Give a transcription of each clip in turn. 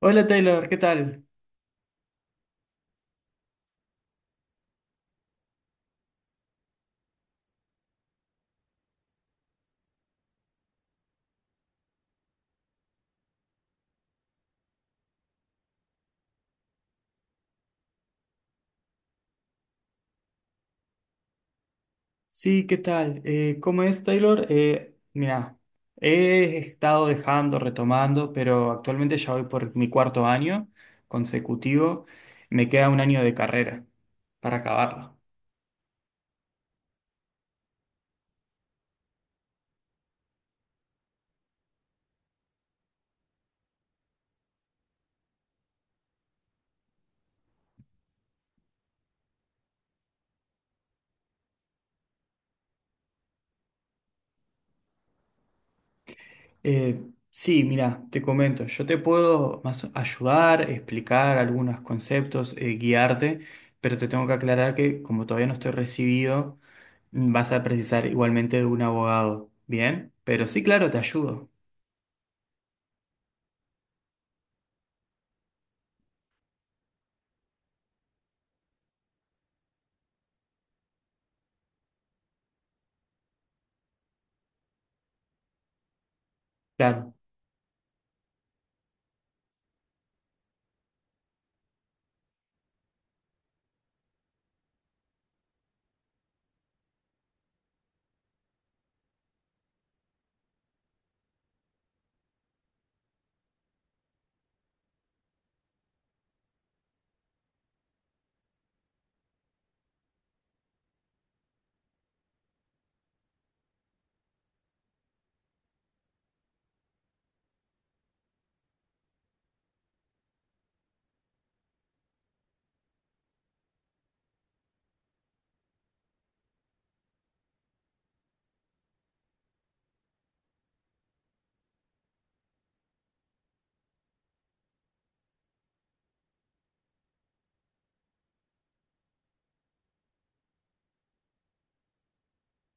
Hola Taylor, ¿qué tal? Sí, ¿qué tal? ¿Cómo es Taylor? Mira, he estado dejando, retomando, pero actualmente ya voy por mi cuarto año consecutivo. Me queda un año de carrera para acabarlo. Eh, sí, mira, te comento, yo te puedo más ayudar, explicar algunos conceptos, guiarte, pero te tengo que aclarar que como todavía no estoy recibido, vas a precisar igualmente de un abogado, ¿bien? Pero sí, claro, te ayudo. Claro.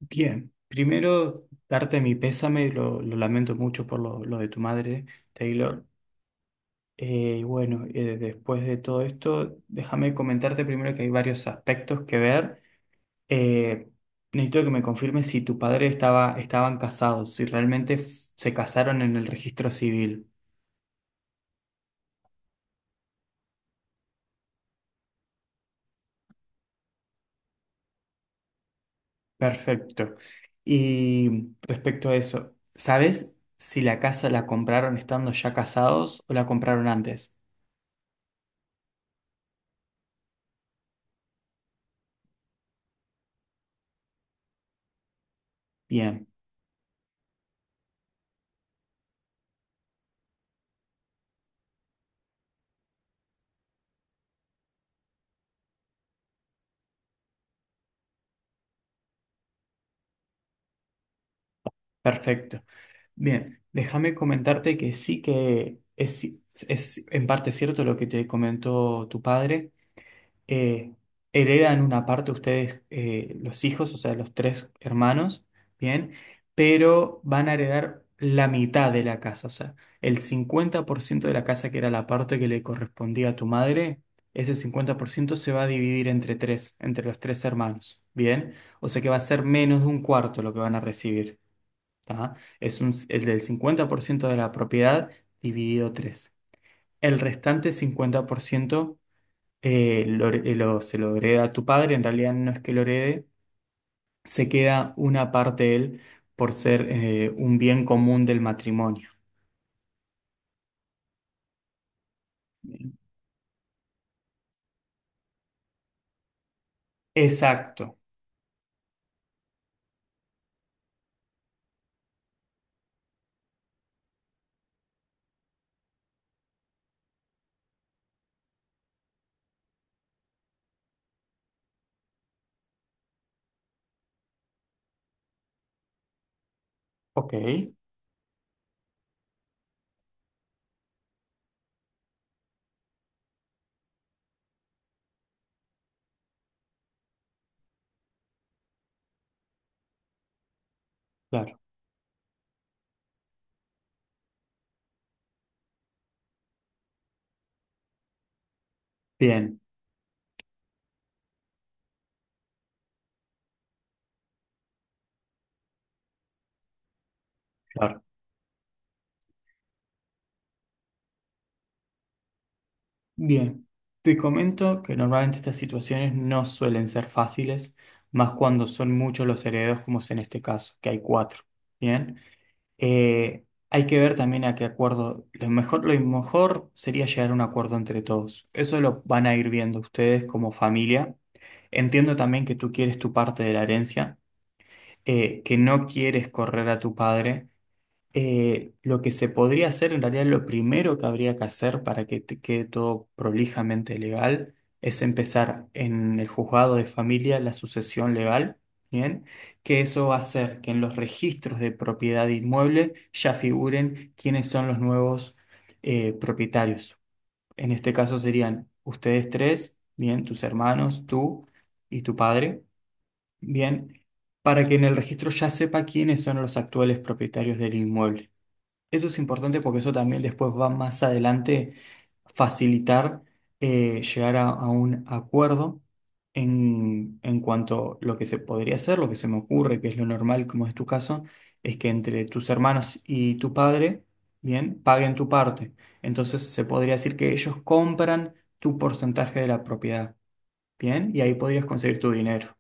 Bien, primero darte mi pésame, lo lamento mucho por lo de tu madre, Taylor. Y bueno, después de todo esto, déjame comentarte primero que hay varios aspectos que ver. Eh, necesito que me confirmes si tu padre estaba, estaban casados, si realmente se casaron en el registro civil. Perfecto. Y respecto a eso, ¿sabes si la casa la compraron estando ya casados o la compraron antes? Bien, perfecto. Bien, déjame comentarte que es en parte cierto lo que te comentó tu padre. Eh, heredan una parte ustedes, los hijos, o sea, los tres hermanos, bien, pero van a heredar la mitad de la casa, o sea, el 50% de la casa que era la parte que le correspondía a tu madre, ese 50% se va a dividir entre tres, entre los tres hermanos, bien, o sea que va a ser menos de un cuarto lo que van a recibir. ¿Tá? Es un, el del 50% de la propiedad dividido tres. El restante 50% se lo hereda a tu padre, en realidad no es que lo herede, se queda una parte él por ser un bien común del matrimonio. Exacto. Ok, claro. Bien, claro. Bien. Te comento que normalmente estas situaciones no suelen ser fáciles, más cuando son muchos los herederos, como es en este caso, que hay cuatro. Bien. Hay que ver también a qué acuerdo. Lo mejor sería llegar a un acuerdo entre todos. Eso lo van a ir viendo ustedes como familia. Entiendo también que tú quieres tu parte de la herencia, que no quieres correr a tu padre. Lo que se podría hacer, en realidad lo primero que habría que hacer para que te quede todo prolijamente legal, es empezar en el juzgado de familia la sucesión legal, ¿bien? Que eso va a hacer que en los registros de propiedad de inmueble ya figuren quiénes son los nuevos propietarios. En este caso serían ustedes tres, ¿bien? Tus hermanos, tú y tu padre, ¿bien? Para que en el registro ya sepa quiénes son los actuales propietarios del inmueble. Eso es importante porque eso también después va más adelante facilitar llegar a un acuerdo en cuanto a lo que se podría hacer, lo que se me ocurre, que es lo normal, como es tu caso, es que entre tus hermanos y tu padre, bien, paguen tu parte. Entonces se podría decir que ellos compran tu porcentaje de la propiedad, bien, y ahí podrías conseguir tu dinero.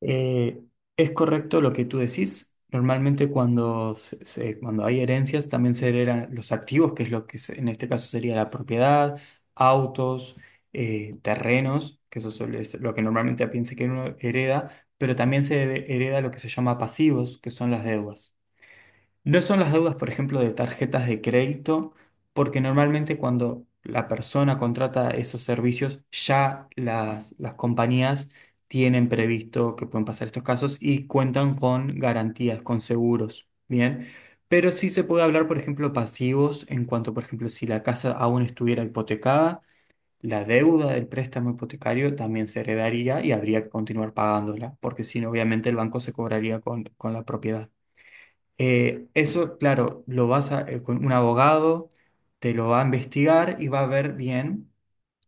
Eh, es correcto lo que tú decís. Normalmente cuando, cuando hay herencias también se heredan los activos, que es lo que en este caso sería la propiedad, autos, terrenos, que eso suele ser lo que normalmente piensa que uno hereda, pero también se hereda lo que se llama pasivos, que son las deudas. No son las deudas, por ejemplo, de tarjetas de crédito, porque normalmente cuando la persona contrata esos servicios, ya las compañías tienen previsto que pueden pasar estos casos y cuentan con garantías, con seguros, ¿bien? Pero sí se puede hablar, por ejemplo, pasivos en cuanto, por ejemplo, si la casa aún estuviera hipotecada, la deuda del préstamo hipotecario también se heredaría y habría que continuar pagándola, porque si no, obviamente el banco se cobraría con la propiedad. Eso, claro, lo vas a, con un abogado, te lo va a investigar y va a ver bien,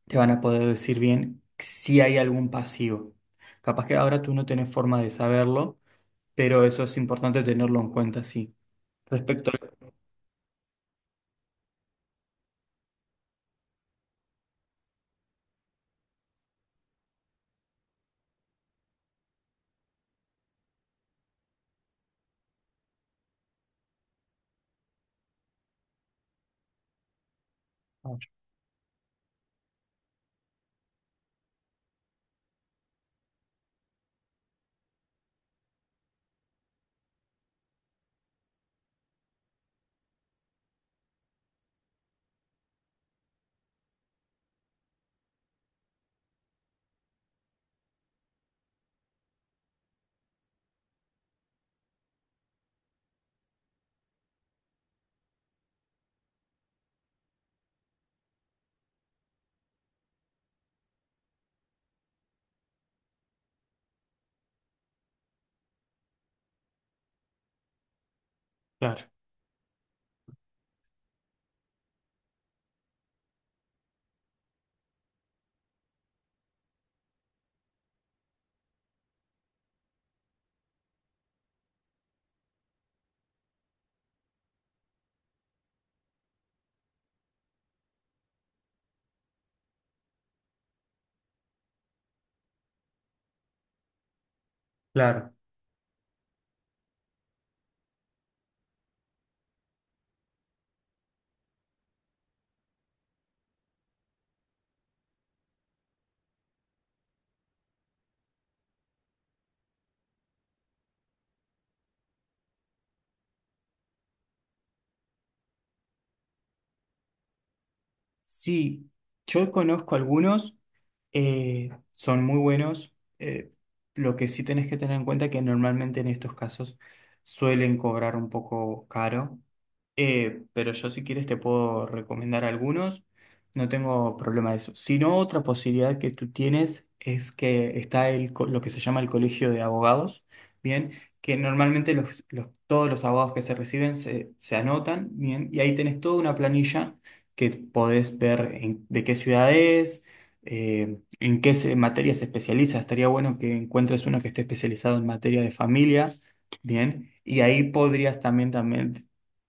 te van a poder decir bien si hay algún pasivo. Capaz que ahora tú no tenés forma de saberlo, pero eso es importante tenerlo en cuenta, sí. Respecto a... Claro, claro. Sí, yo conozco algunos, son muy buenos. Lo que sí tenés que tener en cuenta es que normalmente en estos casos suelen cobrar un poco caro. Pero yo si quieres te puedo recomendar algunos, no tengo problema de eso. Si no, otra posibilidad que tú tienes es que está lo que se llama el colegio de abogados, ¿bien? Que normalmente todos los abogados que se reciben se anotan, ¿bien? Y ahí tenés toda una planilla que podés ver de qué ciudad es, en qué materia se especializa. Estaría bueno que encuentres uno que esté especializado en materia de familia, bien, y ahí podrías también, también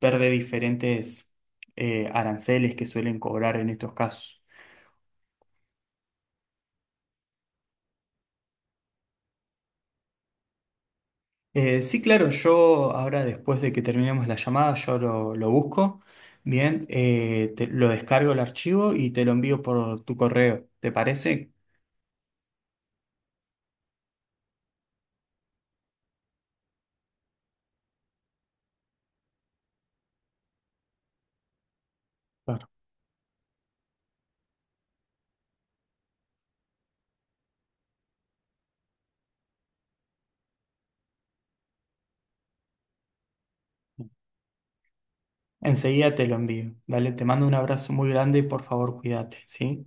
ver de diferentes aranceles que suelen cobrar en estos casos. Sí, claro, yo ahora después de que terminemos la llamada, yo lo busco, bien, lo descargo el archivo y te lo envío por tu correo, ¿te parece? Claro. Enseguida te lo envío. Dale, te mando un abrazo muy grande y por favor cuídate, ¿sí?